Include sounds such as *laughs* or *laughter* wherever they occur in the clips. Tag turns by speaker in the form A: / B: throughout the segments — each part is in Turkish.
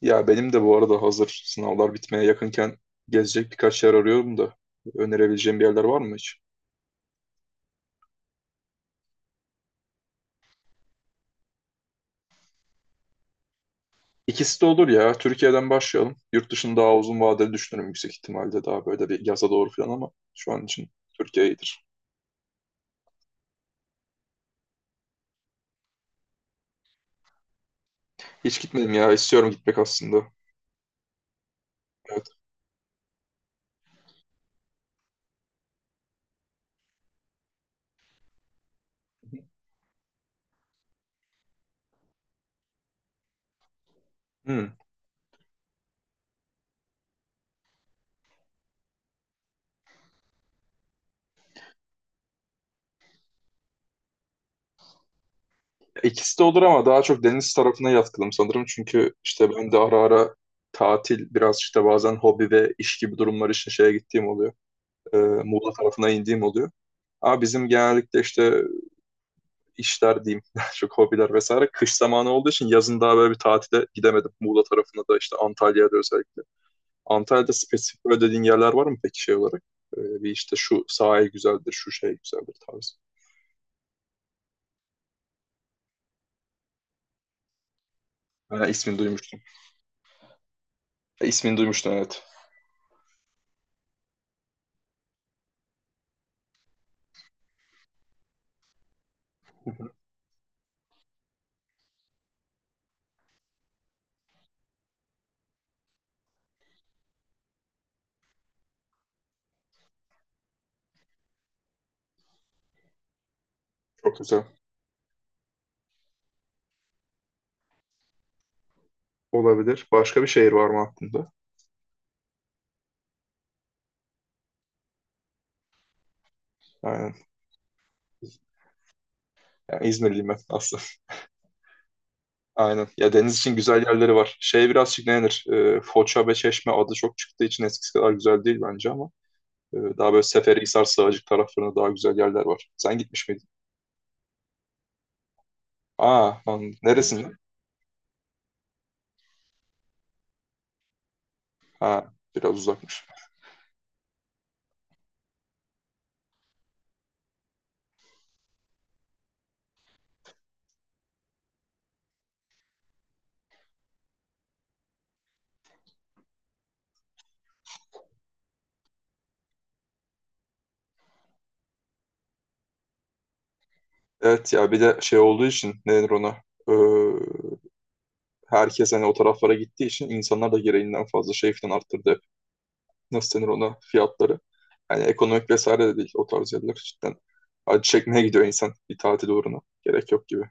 A: Ya benim de bu arada hazır sınavlar bitmeye yakınken gezecek birkaç yer arıyorum da önerebileceğim bir yerler var mı hiç? İkisi de olur ya. Türkiye'den başlayalım. Yurt dışını daha uzun vadeli düşünürüm, yüksek ihtimalle daha böyle bir yaza doğru falan, ama şu an için Türkiye iyidir. Hiç gitmedim ya. İstiyorum gitmek aslında. Evet. Hmm. İkisi de olur ama daha çok deniz tarafına yatkınım sanırım. Çünkü işte ben de ara ara tatil biraz işte bazen hobi ve iş gibi durumlar için şeye gittiğim oluyor. Muğla tarafına indiğim oluyor. Ama bizim genellikle işte işler diyeyim, *laughs* daha çok hobiler vesaire kış zamanı olduğu için yazın daha böyle bir tatile gidemedim. Muğla tarafına da işte Antalya'ya da özellikle. Antalya'da spesifik böyle dediğin yerler var mı peki şey olarak? Bir işte şu sahil güzeldir, şu şey güzeldir tarzı. Ha, ismini duymuştum. Ha, ismini duymuştum, evet. Çok güzel. Olabilir. Başka bir şehir var mı aklında? Aynen. Yani İzmirliyim ben aslında. Aynen. Ya, deniz için güzel yerleri var. Şey birazcık, ne denir? Foça ve Çeşme adı çok çıktığı için eskisi kadar güzel değil bence, ama daha böyle Seferihisar, Sığacık taraflarında daha güzel yerler var. Sen gitmiş miydin? Aa, neresinde? Ha, biraz uzakmış. Evet ya, bir de şey olduğu için, ne denir ona? Ee, herkes hani o taraflara gittiği için insanlar da gereğinden fazla şey falan arttırdı hep. Nasıl denir ona? Fiyatları. Yani ekonomik vesaire de değil o tarz yerler cidden. Acı çekmeye gidiyor insan bir tatil uğruna. Gerek yok gibi.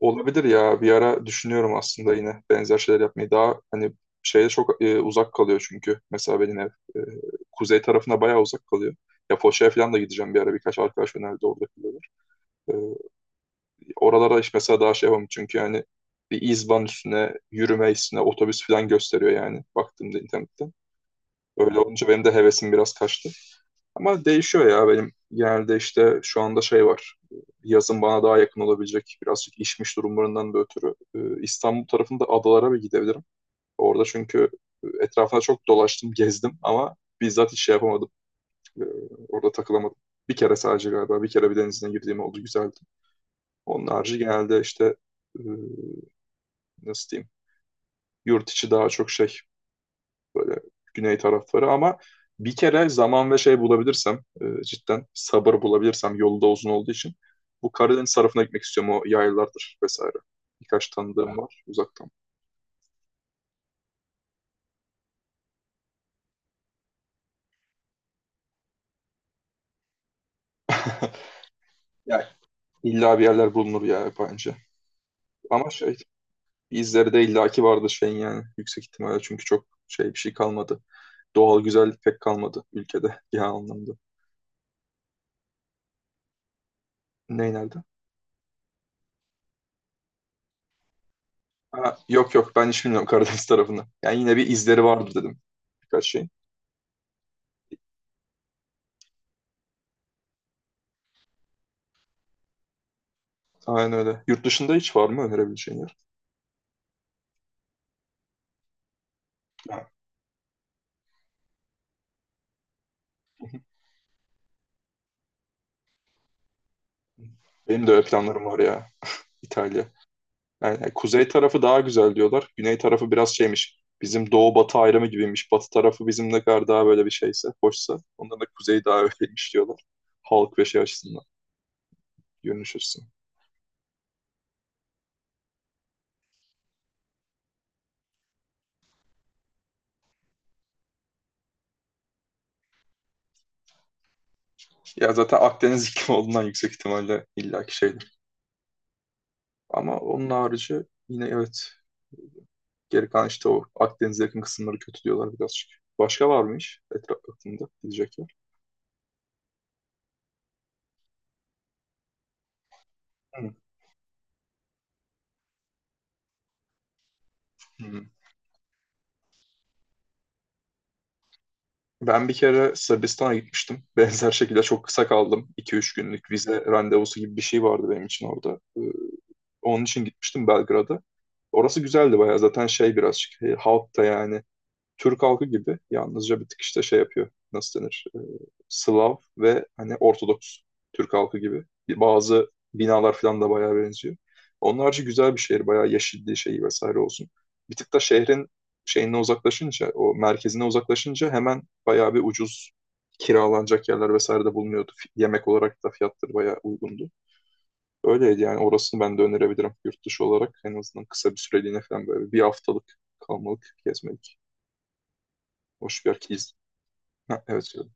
A: Olabilir ya, bir ara düşünüyorum aslında yine benzer şeyler yapmayı, daha hani şeye çok uzak kalıyor çünkü mesela benim ev e, kuzey tarafına bayağı uzak kalıyor. Ya Foça'ya falan da gideceğim bir ara, birkaç arkadaş önerdi, orada kalıyorlar. E, oralara işte mesela daha şey yapamam çünkü yani bir izban üstüne yürüme üstüne otobüs falan gösteriyor yani baktığımda internette. Öyle olunca benim de hevesim biraz kaçtı. Ama değişiyor ya, benim genelde işte şu anda şey var. Yazın bana daha yakın olabilecek birazcık işmiş durumlarından da ötürü İstanbul tarafında adalara bir gidebilirim. Orada çünkü etrafına çok dolaştım, gezdim ama bizzat hiç şey yapamadım. E, Orada takılamadım. Bir kere, sadece galiba bir kere bir denizine girdiğim oldu, güzeldi. Onun harici genelde işte e, nasıl diyeyim, yurt içi daha çok şey, güney tarafları ama bir kere zaman ve şey bulabilirsem, cidden sabır bulabilirsem yolu da uzun olduğu için bu Karadeniz tarafına gitmek istiyorum, o yaylalardır vesaire. Birkaç tanıdığım var uzaktan. *laughs* Yani illa bir yerler bulunur ya, bence. Ama şey, izleri de illaki vardır şeyin yani, yüksek ihtimalle, çünkü çok şey bir şey kalmadı. Doğal güzellik pek kalmadı ülkede genel anlamda. Ne nerede? Ha, yok yok, ben hiç bilmiyorum Karadeniz tarafını. Yani yine bir izleri vardır dedim, birkaç şey. Aynen öyle. Yurt dışında hiç var mı önerebileceğin yer? Ya, benim de öyle planlarım var ya. İtalya. yani kuzey tarafı daha güzel diyorlar. Güney tarafı biraz şeymiş. Bizim doğu batı ayrımı gibiymiş. Batı tarafı bizim ne kadar daha böyle bir şeyse, hoşsa, ondan da kuzey daha öyleymiş diyorlar. Halk ve şey açısından. Görünüş açısından. Ya zaten Akdeniz iklimi olduğundan yüksek ihtimalle illaki şeydir. Ama onun harici, yine evet. Geri kalan işte o Akdeniz'e yakın kısımları kötü diyorlar birazcık. Başka var mı hiç etraf aklında gidecek yer? Hı. Hı. Ben bir kere Sırbistan'a gitmiştim. *laughs* Benzer şekilde çok kısa kaldım. 2-3 günlük vize randevusu gibi bir şey vardı benim için orada. Onun için gitmiştim Belgrad'a. Orası güzeldi bayağı. Zaten şey birazcık, halk da yani Türk halkı gibi, yalnızca bir tık işte şey yapıyor. Nasıl denir? Slav ve hani Ortodoks, Türk halkı gibi. Bazı binalar falan da bayağı benziyor. Onun harici güzel bir şehir. Bayağı yeşilliği, şeyi vesaire olsun. Bir tık da şehrin şeyine uzaklaşınca, o merkezine uzaklaşınca hemen bayağı bir ucuz kiralanacak yerler vesaire de bulunuyordu. Yemek olarak da fiyatları bayağı uygundu. Öyleydi yani, orasını ben de önerebilirim yurt dışı olarak. En azından kısa bir süreliğine falan, böyle bir haftalık kalmalık gezmelik. Hoş bir yer. Ha, evet, söyledim.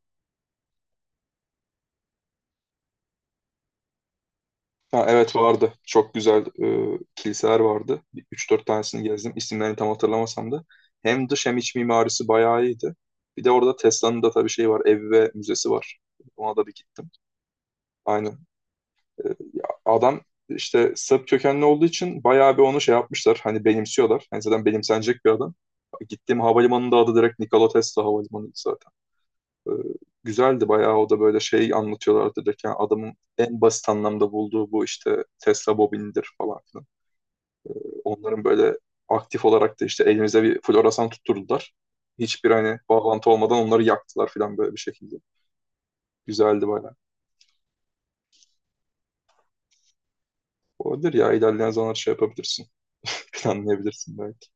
A: Ha, evet, vardı. Çok güzel kiliseler vardı. 3-4 tanesini gezdim. İsimlerini tam hatırlamasam da. Hem dış hem iç mimarisi bayağı iyiydi. Bir de orada Tesla'nın da tabii şeyi var. Ev ve müzesi var. Ona da bir gittim. Aynen. E, ya adam işte Sırp kökenli olduğu için bayağı bir onu şey yapmışlar. Hani benimsiyorlar. Hani zaten benimsenecek bir adam. Gittiğim havalimanının da adı direkt Nikola Tesla Havalimanı zaten. Ee, güzeldi bayağı, o da böyle şey anlatıyorlardı direkt, yani adamın en basit anlamda bulduğu bu işte Tesla bobinidir falan filan. Onların böyle aktif olarak da işte elimize bir floresan tutturdular. Hiçbir hani bağlantı olmadan onları yaktılar filan, böyle bir şekilde. Güzeldi bayağı. Olabilir ya, ilerleyen zamanlar şey yapabilirsin. *laughs* Planlayabilirsin belki.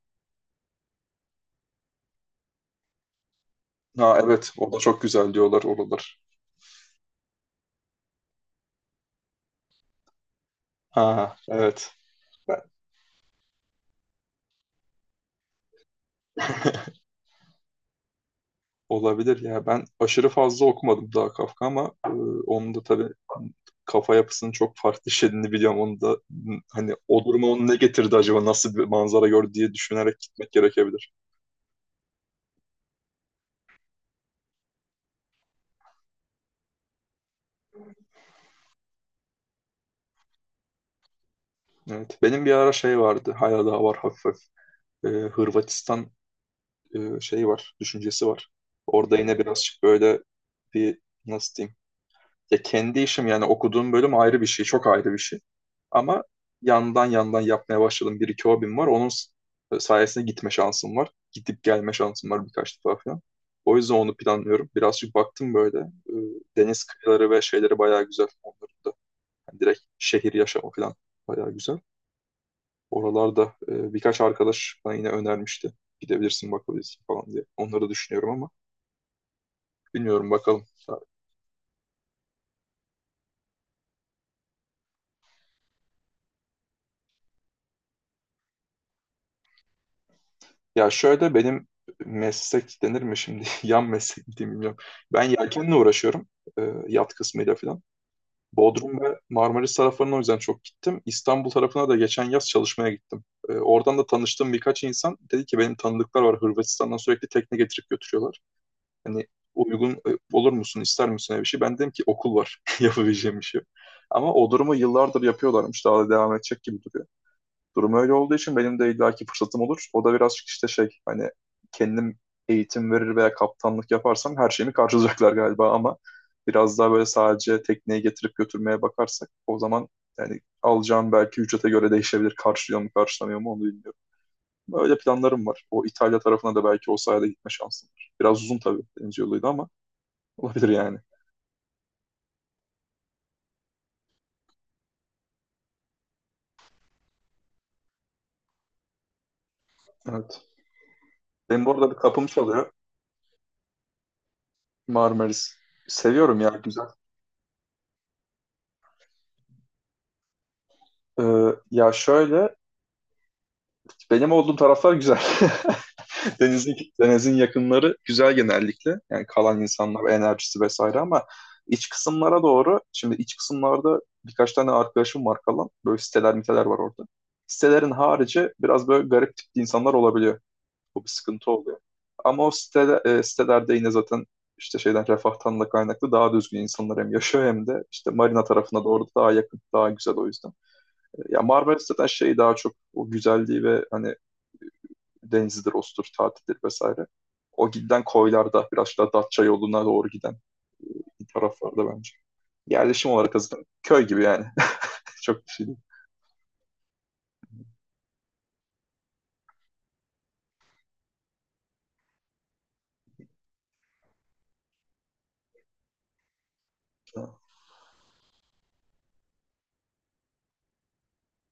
A: Ha, evet, o da çok güzel diyorlar oralar. Ha, evet. Olabilir ya. Ben aşırı fazla okumadım daha Kafka, ama onun da tabii kafa yapısının çok farklı işlediğini biliyorum. Onu da, hani, o duruma onu ne getirdi acaba, nasıl bir manzara gördü diye düşünerek gitmek gerekebilir. Evet. Benim bir ara şey vardı. Hala daha var hafif hafif. Hırvatistan şeyi var. Düşüncesi var. Orada yine birazcık böyle bir, nasıl diyeyim, ya kendi işim yani, okuduğum bölüm ayrı bir şey, çok ayrı bir şey. Ama yandan yandan yapmaya başladım. Bir iki hobim var. Onun sayesinde gitme şansım var. Gidip gelme şansım var birkaç defa falan. O yüzden onu planlıyorum. Birazcık baktım böyle. Deniz kıyıları ve şeyleri bayağı güzel. Onların da yani direkt şehir yaşamı falan bayağı güzel. Oralarda birkaç arkadaş bana yine önermişti. Gidebilirsin, bakabilirsin falan diye. Onları düşünüyorum ama bilmiyorum, bakalım. Ya şöyle, benim meslek denir mi şimdi? *laughs* Yan meslek mi diyeyim, bilmiyorum. Ben yelkenle uğraşıyorum. e, yat kısmıyla falan. Bodrum ve Marmaris taraflarına o yüzden çok gittim. İstanbul tarafına da geçen yaz çalışmaya gittim. Oradan da tanıştığım birkaç insan dedi ki, benim tanıdıklar var Hırvatistan'dan, sürekli tekne getirip götürüyorlar. Hani, uygun olur musun, ister misin öyle bir şey? Ben dedim ki okul var, *laughs* yapabileceğim bir şey yok. Ama o durumu yıllardır yapıyorlarmış. Daha da devam edecek gibi duruyor. Durum öyle olduğu için benim de illaki fırsatım olur. O da birazcık işte şey hani, kendim eğitim verir veya kaptanlık yaparsam her şeyimi karşılayacaklar galiba, ama biraz daha böyle sadece tekneyi getirip götürmeye bakarsak o zaman yani alacağım belki ücrete göre değişebilir. Karşılıyor mu karşılamıyor mu onu bilmiyorum. Öyle planlarım var. O İtalya tarafına da belki o sayede gitme şansım var. Biraz uzun tabii deniz yoluydu ama olabilir yani. Evet. Benim bu arada bir kapım çalıyor. Marmaris. Seviyorum ya, güzel. Ee, ya şöyle, benim olduğum taraflar güzel. *laughs* Denizin yakınları güzel genellikle. Yani kalan insanlar, enerjisi vesaire, ama iç kısımlara doğru, şimdi iç kısımlarda birkaç tane arkadaşım var kalan. Böyle siteler miteler var orada. Sitelerin harici biraz böyle garip tipli insanlar olabiliyor. Bu bir sıkıntı oluyor. Ama o sitelerde yine zaten işte şeyden, refahtan da kaynaklı, daha düzgün insanlar hem yaşıyor hem de işte marina tarafına doğru daha yakın, daha güzel o yüzden. Ya Marmaris zaten şey daha çok o güzelliği ve hani denizidir, ostur, tatildir vesaire. O giden koylarda, biraz daha Datça yoluna doğru giden bir taraflarda bence. Yerleşim olarak azından köy gibi yani. *laughs* Çok bir şey değil.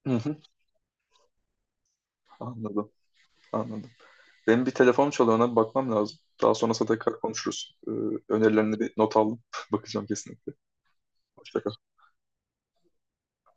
A: Hı hı. Anladım, anladım. Benim bir telefonum çalıyor, ona bir bakmam lazım. Daha sonrasında tekrar konuşuruz. Önerilerini bir not aldım. *laughs* Bakacağım kesinlikle. Hoşça kal.